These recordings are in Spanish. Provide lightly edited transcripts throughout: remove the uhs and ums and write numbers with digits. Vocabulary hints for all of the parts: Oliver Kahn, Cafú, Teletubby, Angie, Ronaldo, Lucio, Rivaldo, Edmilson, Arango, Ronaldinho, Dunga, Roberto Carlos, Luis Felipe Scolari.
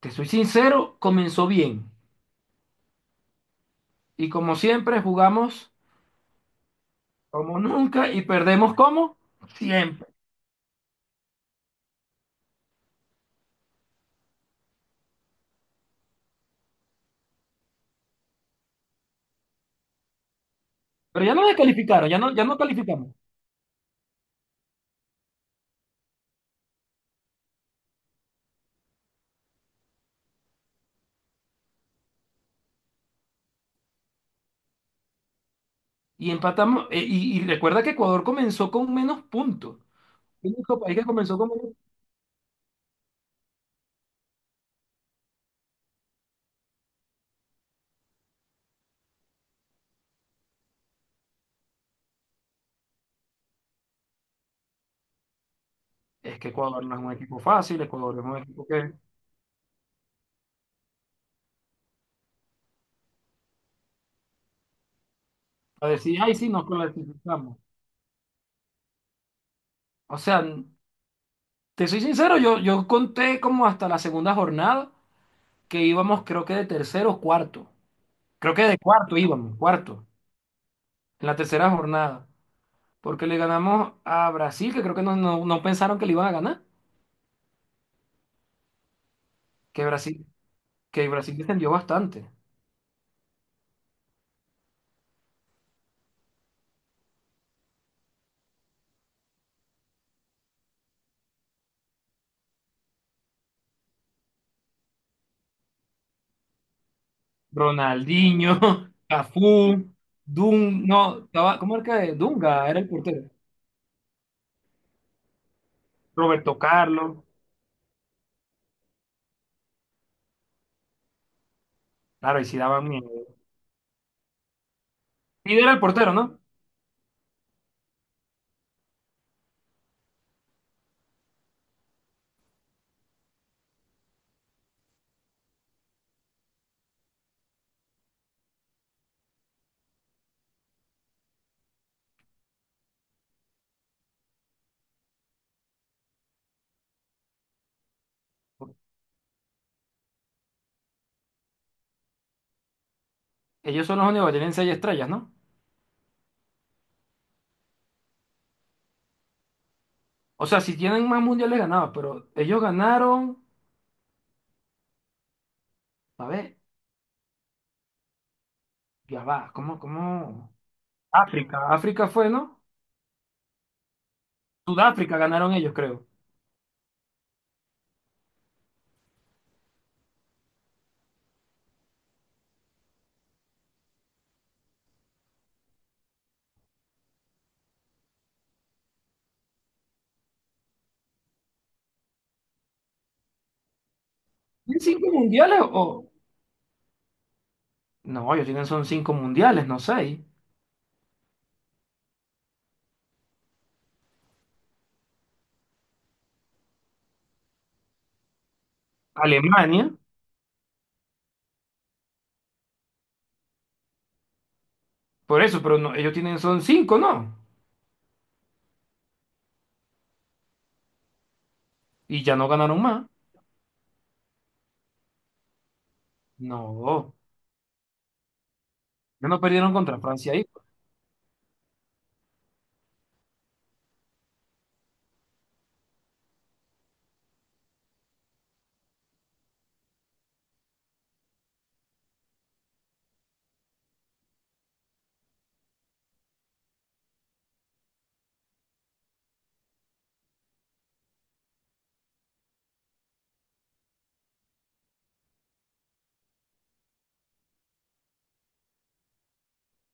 Te soy sincero, comenzó bien. Y como siempre, jugamos como nunca y perdemos como siempre. Pero ya no descalificaron, ya no calificamos. Y empatamos. Y recuerda que Ecuador comenzó con menos puntos. El único país que comenzó con menos. Es que Ecuador no es un equipo fácil, Ecuador es un equipo que a decir, ay, sí, nos clasificamos. O sea, te soy sincero, yo conté como hasta la segunda jornada que íbamos, creo que de tercero o cuarto. Creo que de cuarto íbamos, cuarto, en la tercera jornada. Porque le ganamos a Brasil, que creo que no pensaron que le iban a ganar. Que Brasil, que Brasil descendió bastante. Ronaldinho, Cafú, no, estaba, ¿cómo era que? Dunga era el portero. Roberto Carlos, claro, y si daban miedo. Líder era el portero, ¿no? Ellos son los únicos que tienen seis estrellas, ¿no? O sea, si tienen más mundiales ganados, pero ellos ganaron, a ver, ya va, ¿cómo? África, África fue, ¿no? Sudáfrica ganaron ellos, creo. ¿Tienen cinco mundiales o? No, ellos tienen son cinco mundiales, no seis. Alemania, por eso, pero no, ellos tienen son cinco, ¿no? Y ya no ganaron más. No, ya no perdieron contra Francia ahí.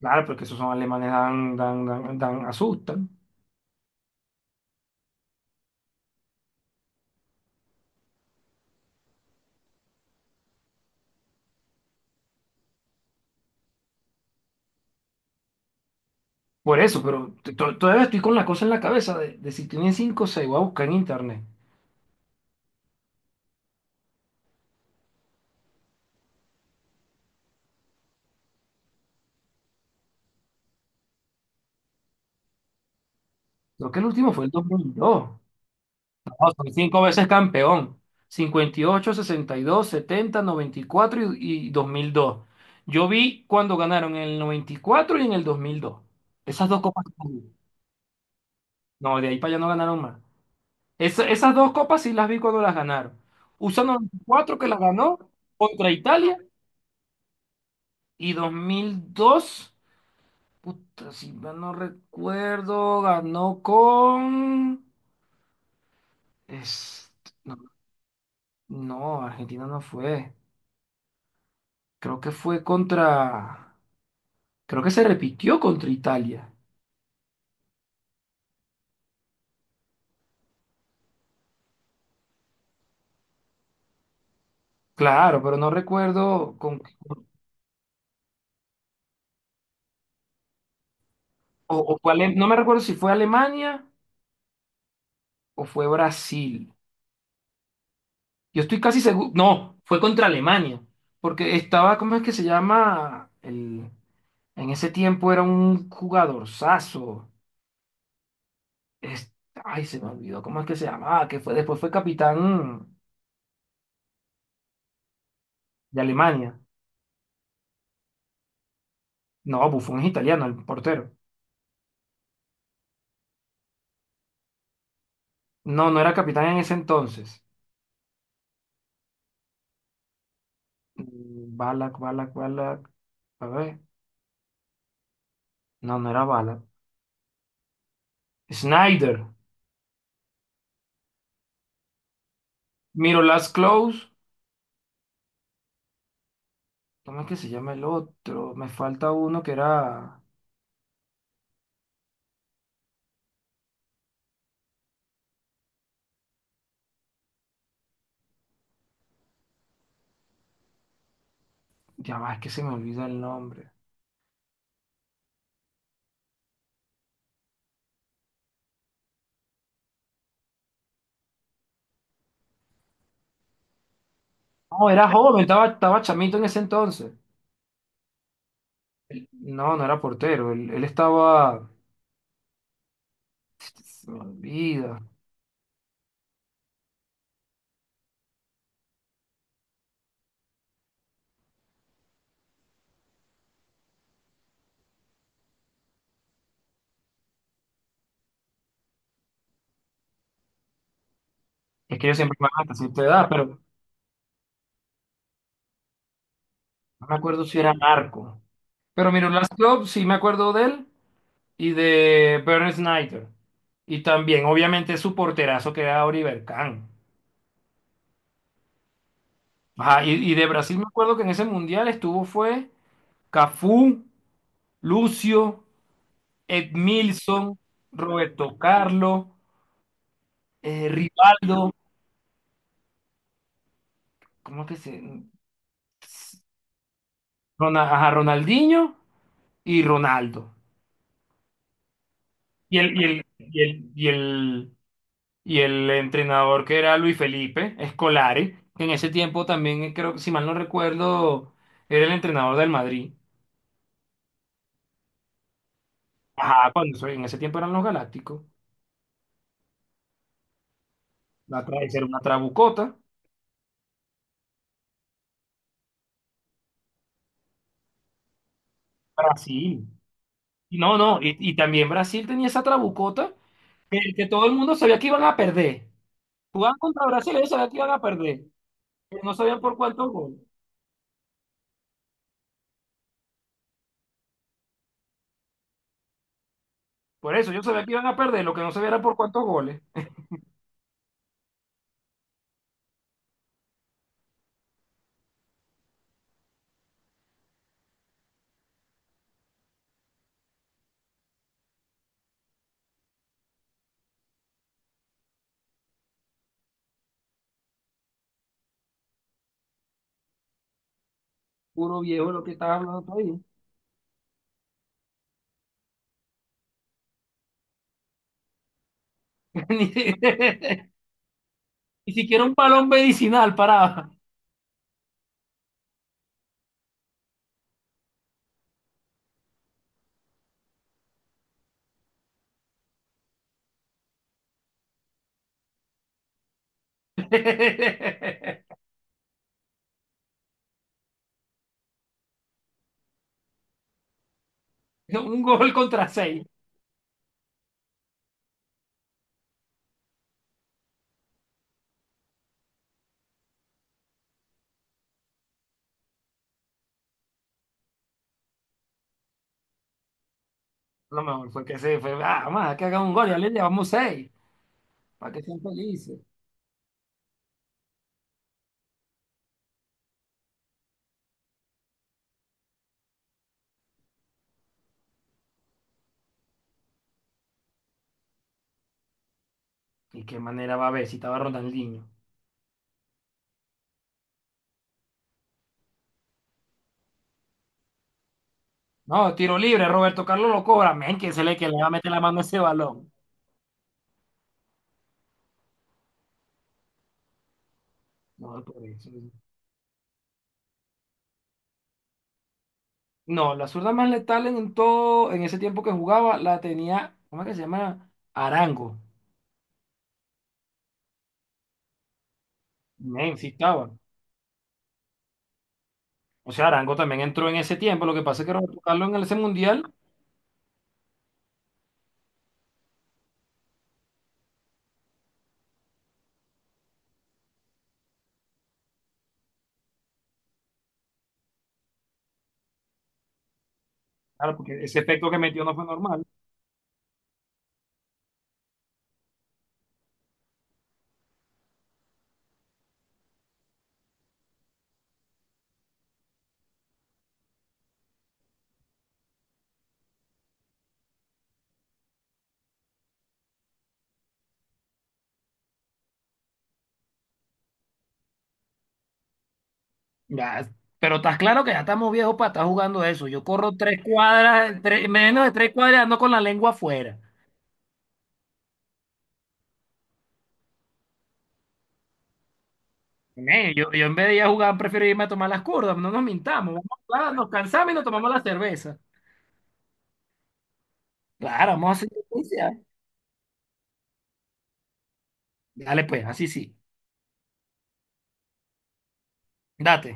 Claro, porque esos son alemanes, asustan. Por eso, pero todavía estoy con la cosa en la cabeza de si tienen cinco o seis, voy a buscar en internet. Creo que el último fue el 2002. No, son cinco veces campeón. Cincuenta y ocho, 1962, setenta, noventa y cuatro y 2002. Yo vi cuando ganaron en el noventa y cuatro y en el 2002. Esas dos copas. No, de ahí para allá no ganaron más. Esas dos copas sí las vi cuando las ganaron. USA 94 que las ganó contra Italia y 2002. Puta, si mal no recuerdo, ganó con. es- No, no, Argentina no fue. Creo que fue contra, creo que se repitió contra Italia. Claro, pero no recuerdo con. O fue no me recuerdo si fue Alemania o fue Brasil. Yo estoy casi seguro, no, fue contra Alemania, porque estaba, ¿cómo es que se llama? El, en ese tiempo era un jugadorzazo. Es- Ay, se me olvidó, ¿cómo es que se llamaba? Que fue, después fue capitán de Alemania. No, Buffon es italiano, el portero. No, no era capitán en ese entonces. Balak, Balak, Balak. A ver. No, no era Balak. Snyder. Miro Last Close. ¿Cómo es que se llama el otro? Me falta uno que era. Ya va, es que se me olvida el nombre. No, era joven, estaba chamito en ese entonces. No, no era portero. Él estaba. Se me olvida. Es que yo siempre me van a decir tu edad, pero no me acuerdo si era narco. Pero Miro Last Close, sí me acuerdo de él. Y de Bernd Snyder. Y también, obviamente, su porterazo que era Oliver Kahn. Ajá, y de Brasil me acuerdo que en ese mundial estuvo fue Cafú, Lucio, Edmilson, Roberto Carlos, Rivaldo, ¿cómo es que se? Ajá, Ronaldinho y Ronaldo. Y el, y el, y el, y el, y el entrenador que era Luis Felipe Scolari, que en ese tiempo también, creo, si mal no recuerdo, era el entrenador del Madrid. Ajá, cuando en ese tiempo eran los Galácticos. Esa era una trabucota. Brasil. Y no, no, y también Brasil tenía esa trabucota que todo el mundo sabía que iban a perder. Jugaban contra Brasil, ellos sabían que iban a perder, pero no sabían por cuántos goles. Por eso, yo sabía que iban a perder, lo que no sabía era por cuántos goles. Puro viejo lo que estaba hablando tú ahí. Ni siquiera un balón medicinal paraba. Un gol contra seis. Lo mejor fue que se fue, ah, vamos que haga un gol, ya le llevamos seis. Para que sean felices. ¿Y qué manera va a haber si estaba Ronaldinho? No, tiro libre, Roberto Carlos lo cobra. Men, que se le que le va a meter la mano a ese balón. No, por eso. No, la zurda más letal en, todo, en ese tiempo que jugaba, la tenía, ¿cómo es que se llama? Arango. Men, sí estaba. O sea, Arango también entró en ese tiempo. Lo que pasa es que Roberto Carlos en ese mundial, claro, porque ese efecto que metió no fue normal. Ya, pero estás claro que ya estamos viejos para estar jugando eso. Yo corro tres cuadras, menos de tres cuadras ando con la lengua afuera. Men, yo en vez de ir a jugar, prefiero irme a tomar las curvas, no nos mintamos. Vamos a jugar, nos cansamos y nos tomamos la cerveza. Claro, vamos a hacer justicia. Dale pues, así sí. Date.